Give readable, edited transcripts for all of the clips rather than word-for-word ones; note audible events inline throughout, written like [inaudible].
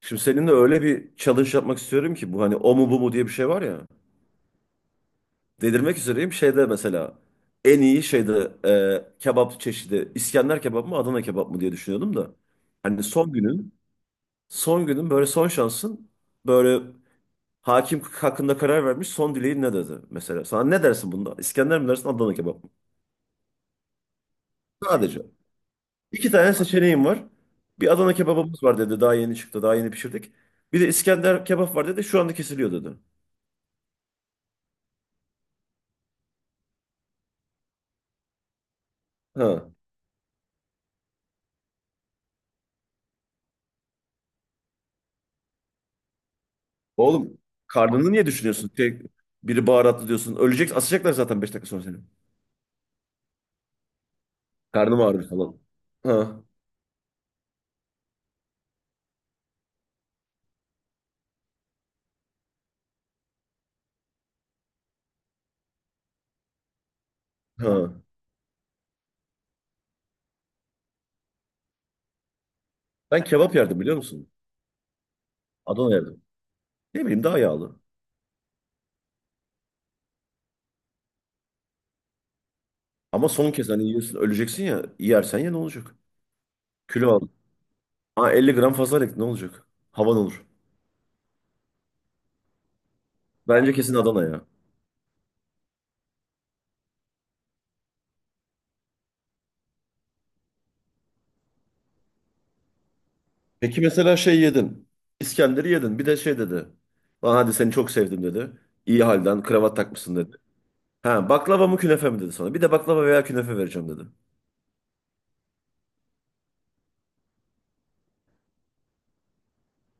Şimdi seninle öyle bir challenge yapmak istiyorum ki bu hani o mu bu mu diye bir şey var ya. Delirmek üzereyim şeyde mesela en iyi şeyde kebap çeşidi İskender kebap mı Adana kebap mı diye düşünüyordum da. Hani son günün böyle son şansın böyle hakim hakkında karar vermiş son dileğin ne dedi mesela. Sana ne dersin bunda İskender mi dersin Adana kebap mı? Sadece iki tane seçeneğim var. Bir Adana kebabımız var dedi, daha yeni çıktı, daha yeni pişirdik. Bir de İskender kebap var dedi, şu anda kesiliyor dedi. Ha. Oğlum, karnını niye düşünüyorsun? Tek, biri baharatlı diyorsun. Ölecek, asacaklar zaten 5 dakika sonra seni. Karnım ağrıyor falan. Ha, ha. Ben kebap yerdim, biliyor musun? Adana yerdim. Ne bileyim, daha yağlı. Ama son kez hani yiyorsun, öleceksin ya. Yersen ya ne olacak? Kilo al. Ha, 50 gram fazla ek ne olacak? Havan olur. Bence kesin Adana ya. Peki mesela şey yedin. İskender'i yedin. Bir de şey dedi. Lan hadi, seni çok sevdim dedi. İyi halden kravat takmışsın dedi. Ha, baklava mı künefe mi dedi sana. Bir de baklava veya künefe vereceğim dedi.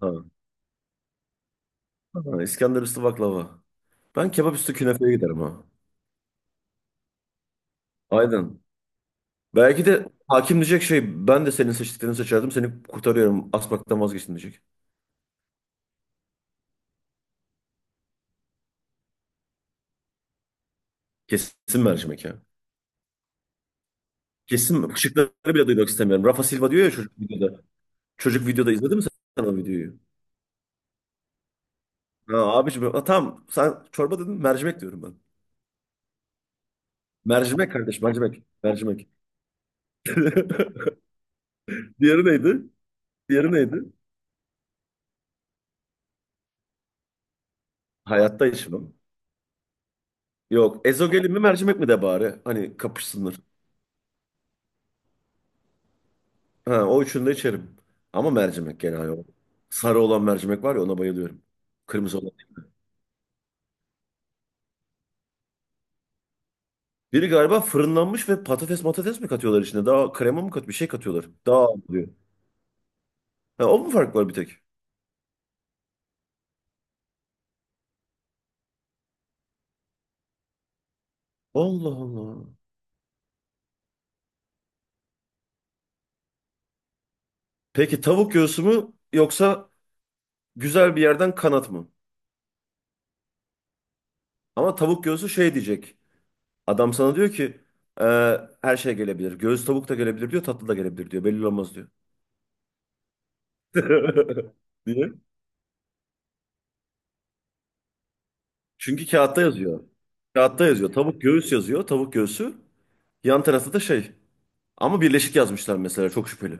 Ha. Ha, İskender üstü baklava. Ben kebap üstü künefeye giderim ha. Aynen. Belki de hakim diyecek, şey, ben de senin seçtiklerini seçerdim, seni kurtarıyorum, asmaktan vazgeçtim diyecek. Kesin mercimek ya. Kesin mi? Şıkları bile duymak istemiyorum. Rafa Silva diyor ya çocuk videoda. Çocuk videoda izledin mi sen o videoyu? Ha, abiciğim, ha, tamam, sen çorba dedin, mercimek diyorum ben. Mercimek kardeş, mercimek. Mercimek. [laughs] Diğeri neydi? Diğeri neydi? Hayatta içmem. Yok, ezogelin mi mercimek mi de bari. Hani kapışsınlar. Ha, o üçünü de içerim. Ama mercimek genel olarak. Sarı olan mercimek var ya, ona bayılıyorum. Kırmızı olan. Biri galiba fırınlanmış ve patates matates mi katıyorlar içine? Daha krema mı kat bir şey katıyorlar. Daha ağır oluyor. Ha, o mu fark var bir tek? Allah Allah. Peki tavuk göğsü mü yoksa güzel bir yerden kanat mı? Ama tavuk göğsü şey diyecek. Adam sana diyor ki, "Ee, her şey gelebilir. Göğüs tavuk da gelebilir diyor, tatlı da gelebilir diyor. Belli olmaz diyor." [laughs] Diye. Çünkü kağıtta yazıyor. Kağıtta yazıyor. Tavuk göğüs yazıyor. Tavuk göğsü. Yan tarafta da şey. Ama birleşik yazmışlar mesela. Çok şüpheli.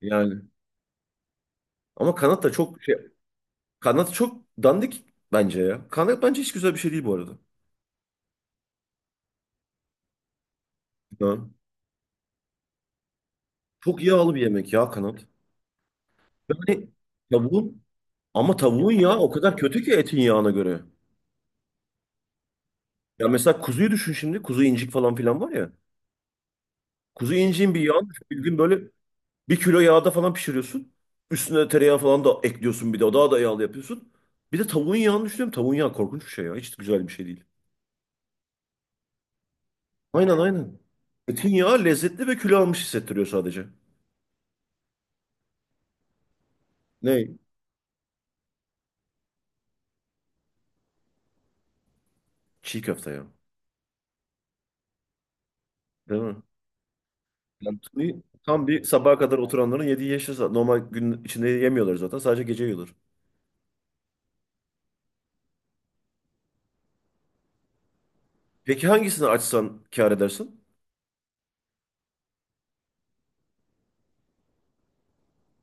Yani. Ama kanat da çok şey. Kanat çok dandik bence ya. Kanat bence hiç güzel bir şey değil bu arada. Ya. Çok yağlı bir yemek ya kanat. Yani tavuğun, ama tavuğun yağı o kadar kötü ki etin yağına göre. Ya mesela kuzuyu düşün şimdi. Kuzu incik falan filan var ya. Kuzu inciğin bir yağını düşün. Bildiğin böyle 1 kilo yağda falan pişiriyorsun. Üstüne tereyağı falan da ekliyorsun bir de. O Daha da yağlı yapıyorsun. Bir de tavuğun yağını düşünüyorum. Tavuğun yağı korkunç bir şey ya. Hiç güzel bir şey değil. Aynen aynen. Etin yağı lezzetli ve kilo almış hissettiriyor sadece. Ne? Çiğ köfte ya. Değil mi? Yani tam bir sabaha kadar oturanların yediği yeşil normal gün içinde yemiyorlar zaten. Sadece gece yiyorlar. Peki hangisini açsan kâr edersin?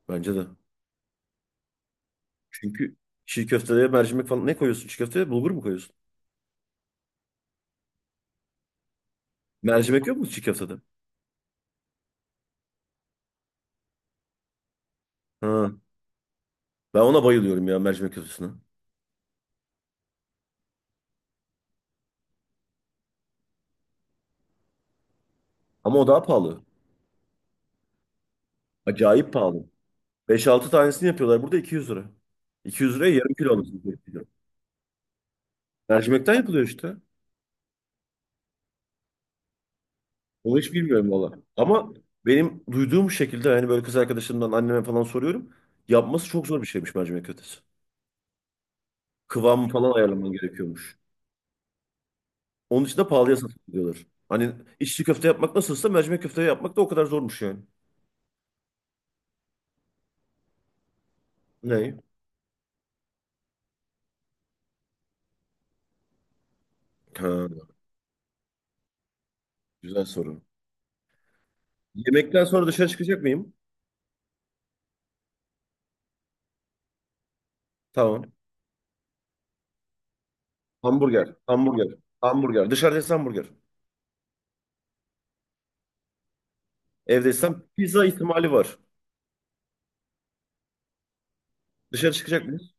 Bence de. Çünkü çiğ köfteye mercimek falan, ne koyuyorsun çiğ köfteye? Bulgur mu koyuyorsun? Mercimek yok mu çiğ köftede? Ha. Ben ona bayılıyorum ya, mercimek köftesine. Ama o daha pahalı. Acayip pahalı. Beş altı tanesini yapıyorlar burada 200 lira. 200 liraya yarım kilo alırsın. Mercimekten yapılıyor işte. Onu hiç bilmiyorum valla. Ama benim duyduğum şekilde, hani, böyle kız arkadaşımdan anneme falan soruyorum. Yapması çok zor bir şeymiş mercimek köftesi. Kıvamı falan ayarlaman gerekiyormuş. Onun için de pahalıya satılıyorlar. Hani içli köfte yapmak nasılsa mercimek köfte yapmak da o kadar zormuş yani. Ne? Ha, güzel soru. Yemekten sonra dışarı çıkacak mıyım? Tamam. Hamburger, hamburger, hamburger. Dışarıda yesem hamburger. Evde yesem pizza ihtimali var. Dışarı çıkacak mıyız?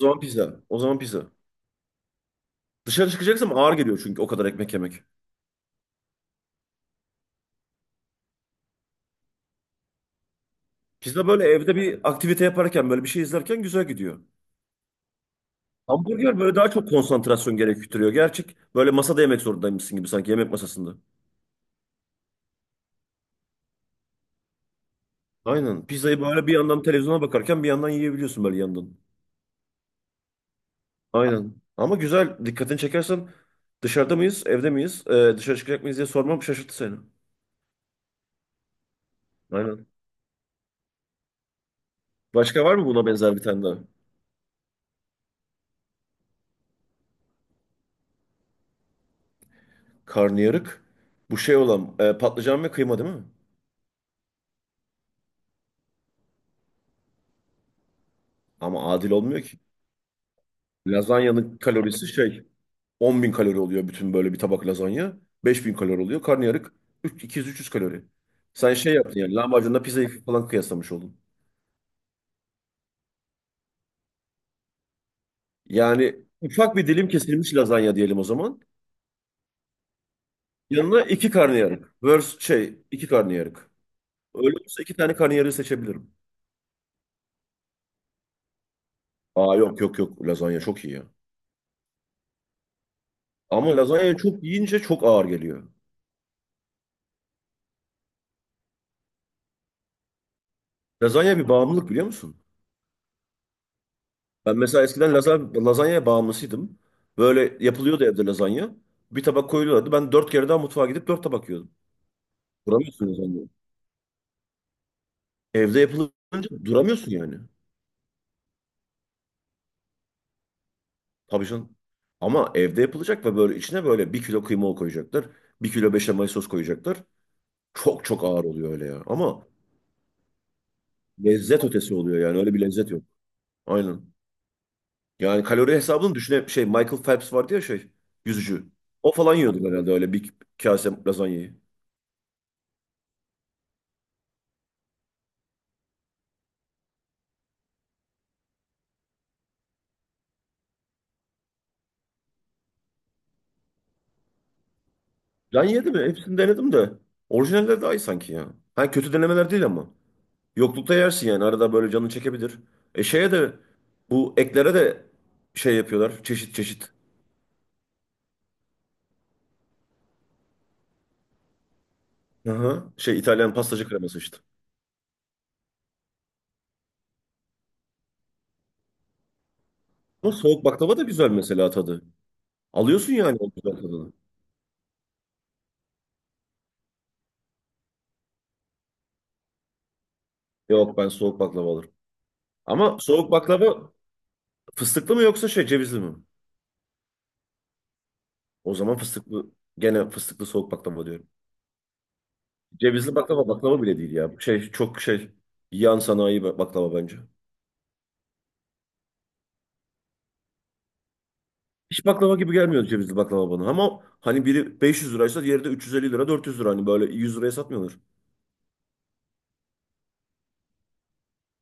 O zaman pizza. O zaman pizza. Dışarı çıkacaksam ağır geliyor çünkü o kadar ekmek yemek. Pizza böyle evde bir aktivite yaparken böyle bir şey izlerken güzel gidiyor. Hamburger böyle daha çok konsantrasyon gerektiriyor. Gerçek, böyle masada yemek zorundaymışsın gibi, sanki yemek masasında. Aynen. Pizzayı böyle bir yandan televizyona bakarken bir yandan yiyebiliyorsun, böyle yandan. Aynen. Ama güzel. Dikkatini çekersen dışarıda mıyız, evde miyiz, dışarı çıkacak mıyız diye sormam şaşırttı seni. Aynen. Başka var mı buna benzer bir tane daha? Karnıyarık. Bu şey olan, patlıcan ve kıyma değil mi? Ama adil olmuyor ki. Lazanyanın kalorisi şey, 10 bin kalori oluyor bütün, böyle bir tabak lazanya. 5 bin kalori oluyor. Karnıyarık 200-300 kalori. Sen şey yaptın, yani lahmacunla pizzayı falan kıyaslamış oldun. Yani ufak bir dilim kesilmiş lazanya diyelim o zaman. Yanına iki karnıyarık. Versus şey iki karnıyarık. Öyle olsa iki tane karnıyarığı seçebilirim. Aa yok yok yok, lazanya çok iyi ya. Ama lazanya çok yiyince çok ağır geliyor. Lazanya bir bağımlılık, biliyor musun? Ben mesela eskiden lazanyaya bağımlısıydım. Böyle yapılıyordu evde lazanya. Bir tabak koyuluyordu. Ben dört kere daha mutfağa gidip dört tabak yiyordum. Duramıyorsun lazanya. Evde yapılınca duramıyorsun yani. Tabii canım. Ama evde yapılacak ve böyle içine böyle 1 kilo kıyma koyacaklar. 1 kilo beşamel sos koyacaklar. Çok çok ağır oluyor öyle ya. Ama lezzet ötesi oluyor yani. Öyle bir lezzet yok. Aynen. Yani kalori hesabını düşüne şey, Michael Phelps vardı ya, şey, yüzücü. O falan yiyordu herhalde öyle bir kase lazanyayı. Can yedi mi? Hepsini denedim de. Orijinaller daha iyi sanki ya. Ha, kötü denemeler değil ama. Yoklukta yersin yani. Arada böyle canını çekebilir. E şeye de, bu eklere de şey yapıyorlar. Çeşit çeşit. Aha, şey, İtalyan pastacı kreması işte. Ama soğuk baklava da güzel mesela, tadı. Alıyorsun yani o güzel tadını. Yok, ben soğuk baklava alırım. Ama soğuk baklava fıstıklı mı yoksa şey cevizli mi? O zaman fıstıklı. Gene fıstıklı soğuk baklava diyorum. Cevizli baklava, baklava bile değil ya. Şey çok şey, yan sanayi baklava bence. Hiç baklava gibi gelmiyor cevizli baklava bana. Ama hani biri 500 liraysa diğeri de 350 lira 400 lira. Hani böyle 100 liraya satmıyorlar.